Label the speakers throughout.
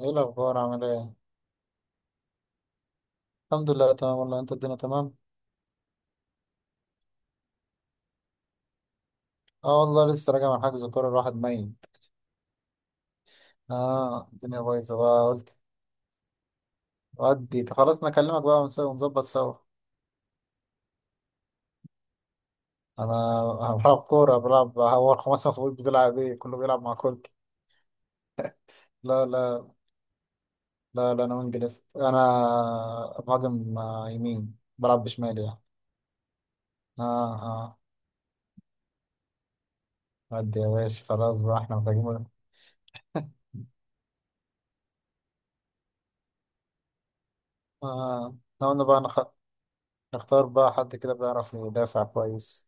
Speaker 1: ايه الاخبار؟ عامل ايه؟ الحمد لله تمام والله. انت الدنيا تمام؟ اه والله لسه راجع من حجز كوره، الواحد ميت. اه الدنيا بايظه بقى، قلت ودي خلاص انا اكلمك بقى ونظبط سوا. انا أنا بلعب كوره، بلعب هو خمسة فوق، بتلعب ايه؟ كله بيلعب مع كله. لا لا لا انا وينج ليفت، انا مهاجم آه، يمين بلعب بشمالي يعني. اه اه ودي يا باشا، خلاص بقى احنا محتاجين. اه احنا قلنا بقى نختار بقى حد كده بيعرف يدافع كويس.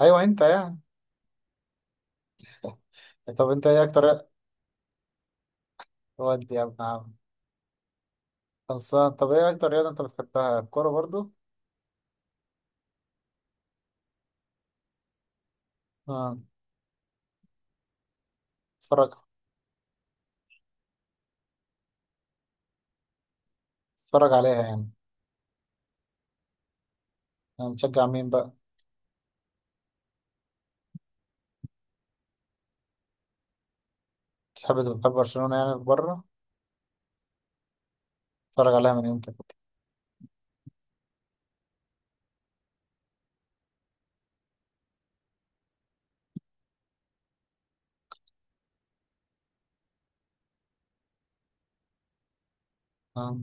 Speaker 1: ايوه انت يعني، طب انت ايه اكتر؟ ودي يا ابن عم، خلصان. طب ايه اكتر رياضة انت بتحبها؟ الكورة برضو؟ اه، اتفرج، اتفرج عليها يعني. يعني بتشجع مين بقى؟ بتحب، بتحب برشلونة يعني في بره؟ اتفرج عليها من امتى كده؟ اه،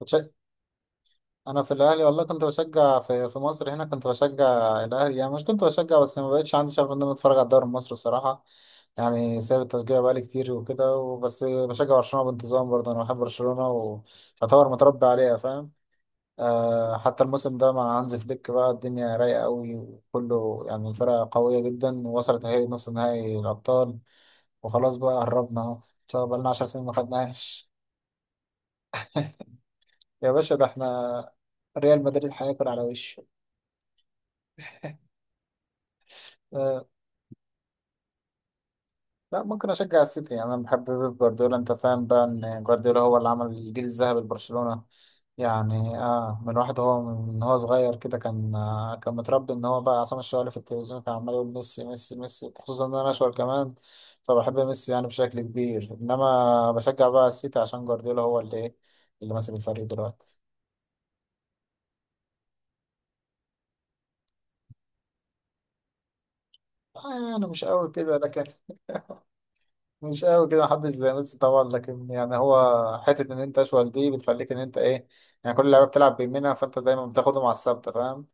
Speaker 1: بتش- انا في الاهلي والله كنت بشجع، في في مصر هنا كنت بشجع الاهلي يعني، مش كنت بشجع بس ما بقتش عندي شغف ان انا اتفرج على الدوري المصري بصراحة، يعني سايب التشجيع بقالي كتير وكده، وبس بشجع برشلونة بانتظام برضه، انا بحب برشلونة ويعتبر متربي عليها، فاهم؟ آه، حتى الموسم ده مع هانز فليك بقى الدنيا رايقة قوي، وكله يعني الفرقة قوية جدا، ووصلت اهي نص نهائي الأبطال، وخلاص بقى قربنا اهو، إن شاء الله بقالنا 10 سنين ما خدناهاش. يا باشا ده احنا ريال مدريد هياكل على وشه. آه، لا ممكن اشجع السيتي يعني، انا بحب بيب جوارديولا، انت فاهم بقى ان جوارديولا هو اللي عمل الجيل الذهبي لبرشلونة، يعني اه من واحد، هو من هو صغير كده كان آه كان متربي ان هو بقى عصام الشوالي في التلفزيون كان عمال يقول ميسي ميسي ميسي، خصوصا ان انا اشول كمان، فبحب ميسي يعني بشكل كبير، انما بشجع بقى السيتي عشان جوارديولا هو اللي ايه، اللي ماسك الفريق دلوقتي. آه يعني مش قوي كده لكن، مش قوي كده، محدش زي ميسي طبعا، لكن يعني هو حتة إن أنت أشول دي بتخليك إن أنت إيه، يعني كل اللعيبة بتلعب بيمينها، فأنت دايما بتاخده مع الثابتة، فاهم؟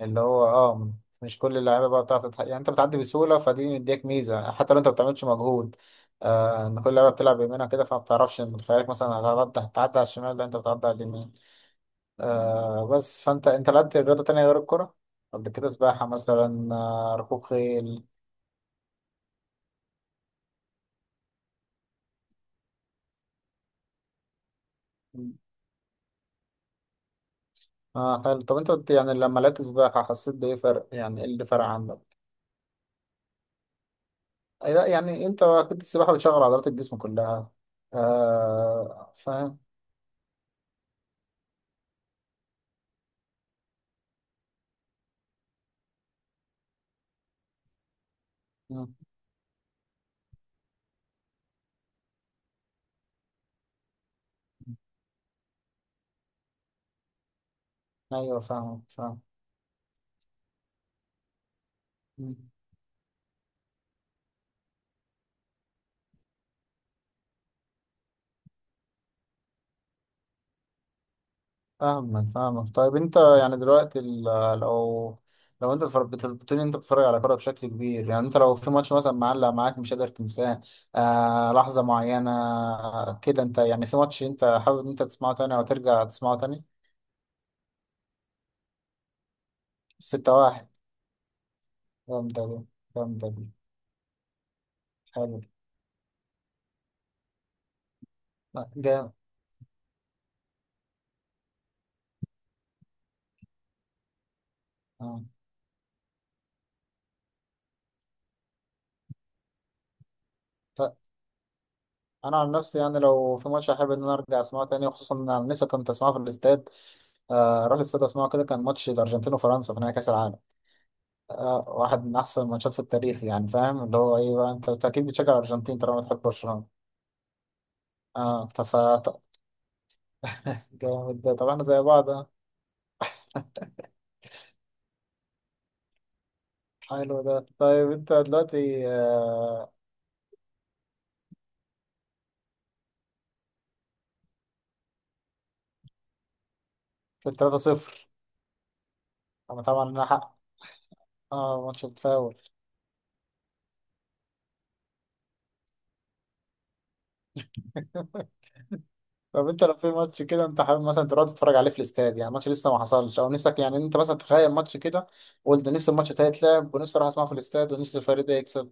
Speaker 1: اللي هو أه، مش كل اللعيبة بقى بتعرف يعني أنت بتعدي بسهولة، فدي مديك ميزة حتى لو أنت ما بتعملش مجهود. آه إن كل اللعيبة بتلعب بيمينها كده، فما بتعرفش إن متخيلك مثلا هتعدي، هتعدي على الشمال، لا أنت بتعدي على اليمين. آه بس، فأنت لعبت رياضة تانية غير الكرة قبل كده؟ سباحة مثلا آه، ركوب خيل؟ اه حلو. طب انت قلت يعني لما لقيت سباحة حسيت بإيه فرق؟ يعني ايه اللي فرق عندك؟ أي لا، يعني انت اكيد السباحة بتشغل عضلات الجسم كلها، آه فاهم. مم. ايوه فاهم فاهم. مم. فاهمك فاهمك. طيب انت يعني دلوقتي لو، لو انت بتقول إن انت بتتفرج على كورة بشكل كبير، يعني انت لو في ماتش مثلا معلق معاك مش قادر تنساه، آه لحظة معينة كده، انت يعني في ماتش انت حابب ان انت تسمعه تاني او ترجع تسمعه تاني؟ ستة واحد، جامدة دي، جامدة دي. حلو. لا، جامد. آه. ط- انا عن نفسي يعني لو في ماتش احب ان انا ارجع اسمعه تاني، خصوصا ان انا لسه كنت اسمعه في الاستاد. آه، اروح الاستاد اسمعه كده، كان ماتش الارجنتين وفرنسا في نهائي كاس العالم، آه، واحد من احسن الماتشات في التاريخ يعني، فاهم اللي هو ايه بقى. انت أنت اكيد بتشجع الارجنتين طالما بتحب برشلونه. اه طب جامد ده. طب احنا زي بعض آه. حلو ده. طيب انت دلوقتي آه، في 3-0. طبعا انا حق، اه ماتش التفاول. طب انت لو في ماتش كده انت حابب مثلا تروح تتفرج عليه في الاستاد يعني، ماتش لسه ما حصلش، او نفسك يعني انت مثلا تخيل ماتش كده وقلت نفسي الماتش ده يتلعب ونفسي اروح اسمعه في الاستاد ونفسي الفريق ده يكسب.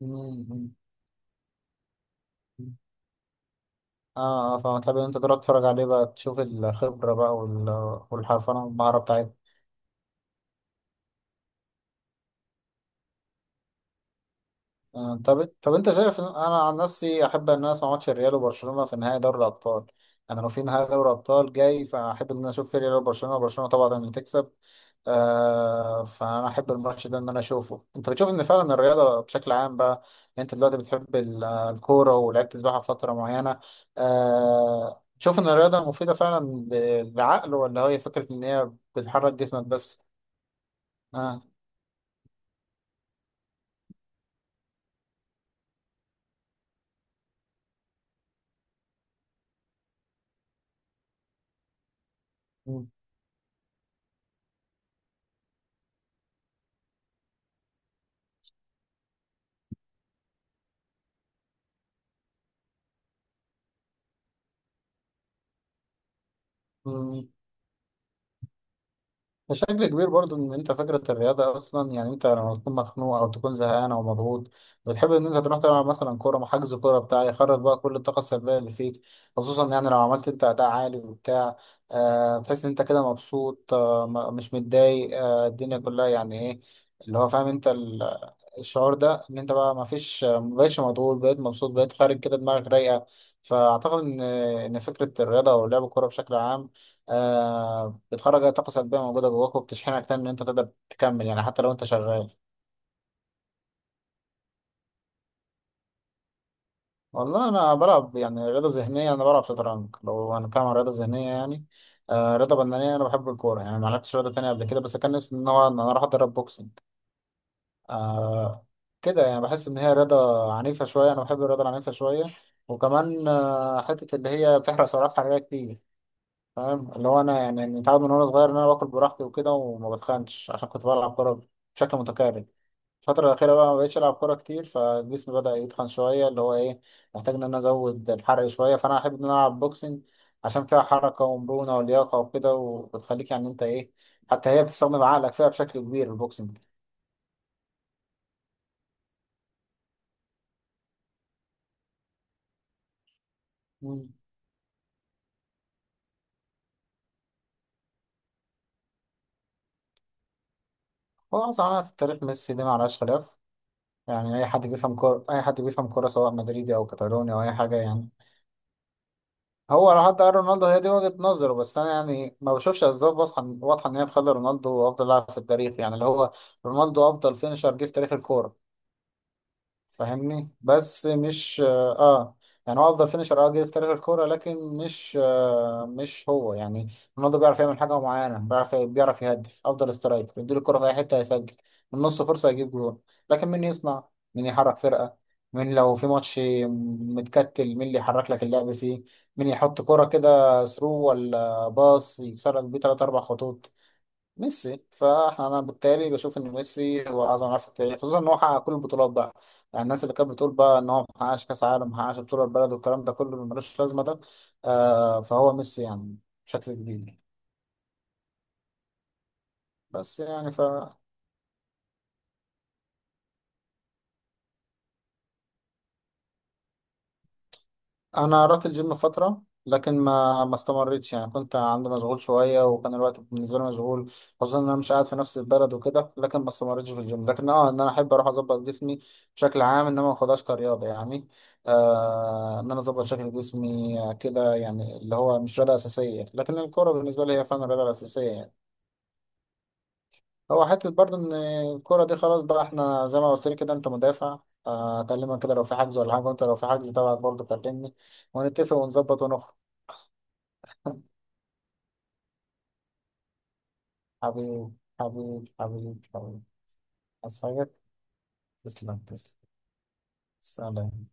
Speaker 1: مم. اه فما تحب ان انت تروح تتفرج عليه بقى، تشوف الخبرة بقى والحرفنة والمهارة بتاعتهم. آه، طب انت شايف انا عن نفسي احب ان انا اسمع ماتش الريال وبرشلونه في نهائي دوري الابطال، انا لو في نهائي دوري الابطال جاي فاحب ان انا اشوف في ريال وبرشلونه، وبرشلونه طبعا اللي تكسب، آه فانا احب الماتش ده ان انا اشوفه. انت بتشوف ان فعلا الرياضه بشكل عام بقى، يعني انت دلوقتي بتحب الكوره ولعبت سباحه فتره معينه، آه تشوف ان الرياضه مفيده فعلا للعقل، ولا هي فكره ان هي بتحرك جسمك بس؟ اه. مم. بشكل كبير برضو، ان انت فكرة الرياضة اصلا يعني، انت لما تكون مخنوق او تكون زهقان او مضغوط، بتحب ان انت تروح تلعب مثلا كورة، حجز كورة بتاع، يخرج بقى كل الطاقة السلبية اللي فيك، خصوصا يعني لو عملت انت اداء عالي وبتاع، آه بتحس ان انت كده مبسوط، آه مش متضايق، آه الدنيا كلها يعني ايه، اللي هو فاهم انت الشعور ده ان انت بقى ما فيش، مبقتش مضغوط، بقيت مبسوط، بقيت خارج كده دماغك رايقة. فاعتقد ان فكرة الرياضة او لعب الكورة بشكل عام آه، بتخرج اي طاقه سلبيه موجوده جواك وبتشحنك تاني ان انت تقدر تكمل يعني، حتى لو انت شغال. والله انا بلعب يعني رياضه ذهنيه، انا بلعب شطرنج لو هنتكلم عن رياضه ذهنيه يعني، آه رياضه بدنيه انا بحب الكوره يعني، ما لعبتش رياضه تانية قبل كده، بس كان نفسي ان هو ان انا اروح اتدرب بوكسنج. آه كده يعني، بحس ان هي رياضه عنيفه شويه، انا بحب الرياضه العنيفه شويه، وكمان آه حته اللي هي بتحرق سعرات حراريه كتير، فاهم اللي هو انا يعني متعود من وانا صغير ان انا باكل براحتي وكده وما بتخنش عشان كنت بلعب كوره بشكل متكرر. الفترة الأخيرة بقى ما بقتش ألعب كورة كتير، فالجسم بدأ يتخن شوية، اللي هو إيه، محتاج إن أنا أزود الحرق شوية، فأنا أحب إن أنا ألعب بوكسنج عشان فيها حركة ومرونة ولياقة وكده، وبتخليك يعني أنت إيه، حتى هي بتستخدم عقلك فيها بشكل كبير البوكسنج ده. مم. هو أصلا أنا في التاريخ ميسي دي معلهاش خلاف، يعني أي حد بيفهم كورة، أي حد بيفهم كورة سواء مدريدي أو كاتالوني أو أي حاجة يعني. هو لو حد قال رونالدو هي دي وجهة نظره، بس أنا يعني ما بشوفش أسباب واضحة واضحة إن هي تخلي رونالدو أفضل لاعب في التاريخ، يعني اللي هو رونالدو أفضل فينشر جه في تاريخ الكورة، فاهمني؟ بس مش اه آه. يعني هو افضل فينشر اه جه في تاريخ الكوره، لكن مش آه مش هو يعني، رونالدو بيعرف يعمل حاجه معينه، بيعرف يهدف، افضل سترايكر، يديله الكوره في اي حته هيسجل، من نص فرصه يجيب جول. لكن مين يصنع؟ مين يحرك فرقه؟ مين لو في ماتش متكتل مين اللي يحرك لك اللعب فيه؟ مين يحط كوره كده ثرو ولا باص يكسر لك بيه تلات اربع خطوط؟ ميسي. فانا بالتالي بشوف ان ميسي هو اعظم لاعب في التاريخ، خصوصا ان هو حقق كل البطولات بقى، يعني الناس اللي كانت بتقول بقى ان هو ما حققش كاس عالم، ما حققش بطوله البلد، والكلام ده كله ملوش لازمه ده. آه فهو ميسي يعني، بشكل كبير. بس يعني انا رحت الجيم فتره لكن ما استمرتش يعني، كنت عندي مشغول شويه وكان الوقت بالنسبه لي مشغول، خصوصا ان انا مش قاعد في نفس البلد وكده، لكن ما استمرتش في الجيم، لكن اه ان انا احب اروح اظبط جسمي بشكل عام، انما ما اخدهاش كرياضه يعني، آه ان انا اظبط شكل جسمي آه، كده يعني، اللي هو مش رياضه اساسيه، لكن الكوره بالنسبه لي هي فعلا الرياضه الاساسيه يعني. هو حته برضه ان الكوره دي خلاص بقى، احنا زي ما قلت لي كده انت مدافع، آه اكلمك كده لو في حجز، ولا حاجه وانت لو في حجز تبعك برضه كلمني، ونتفق ونظبط ونخرج. حبيب. عصاية. تسلم. سلام.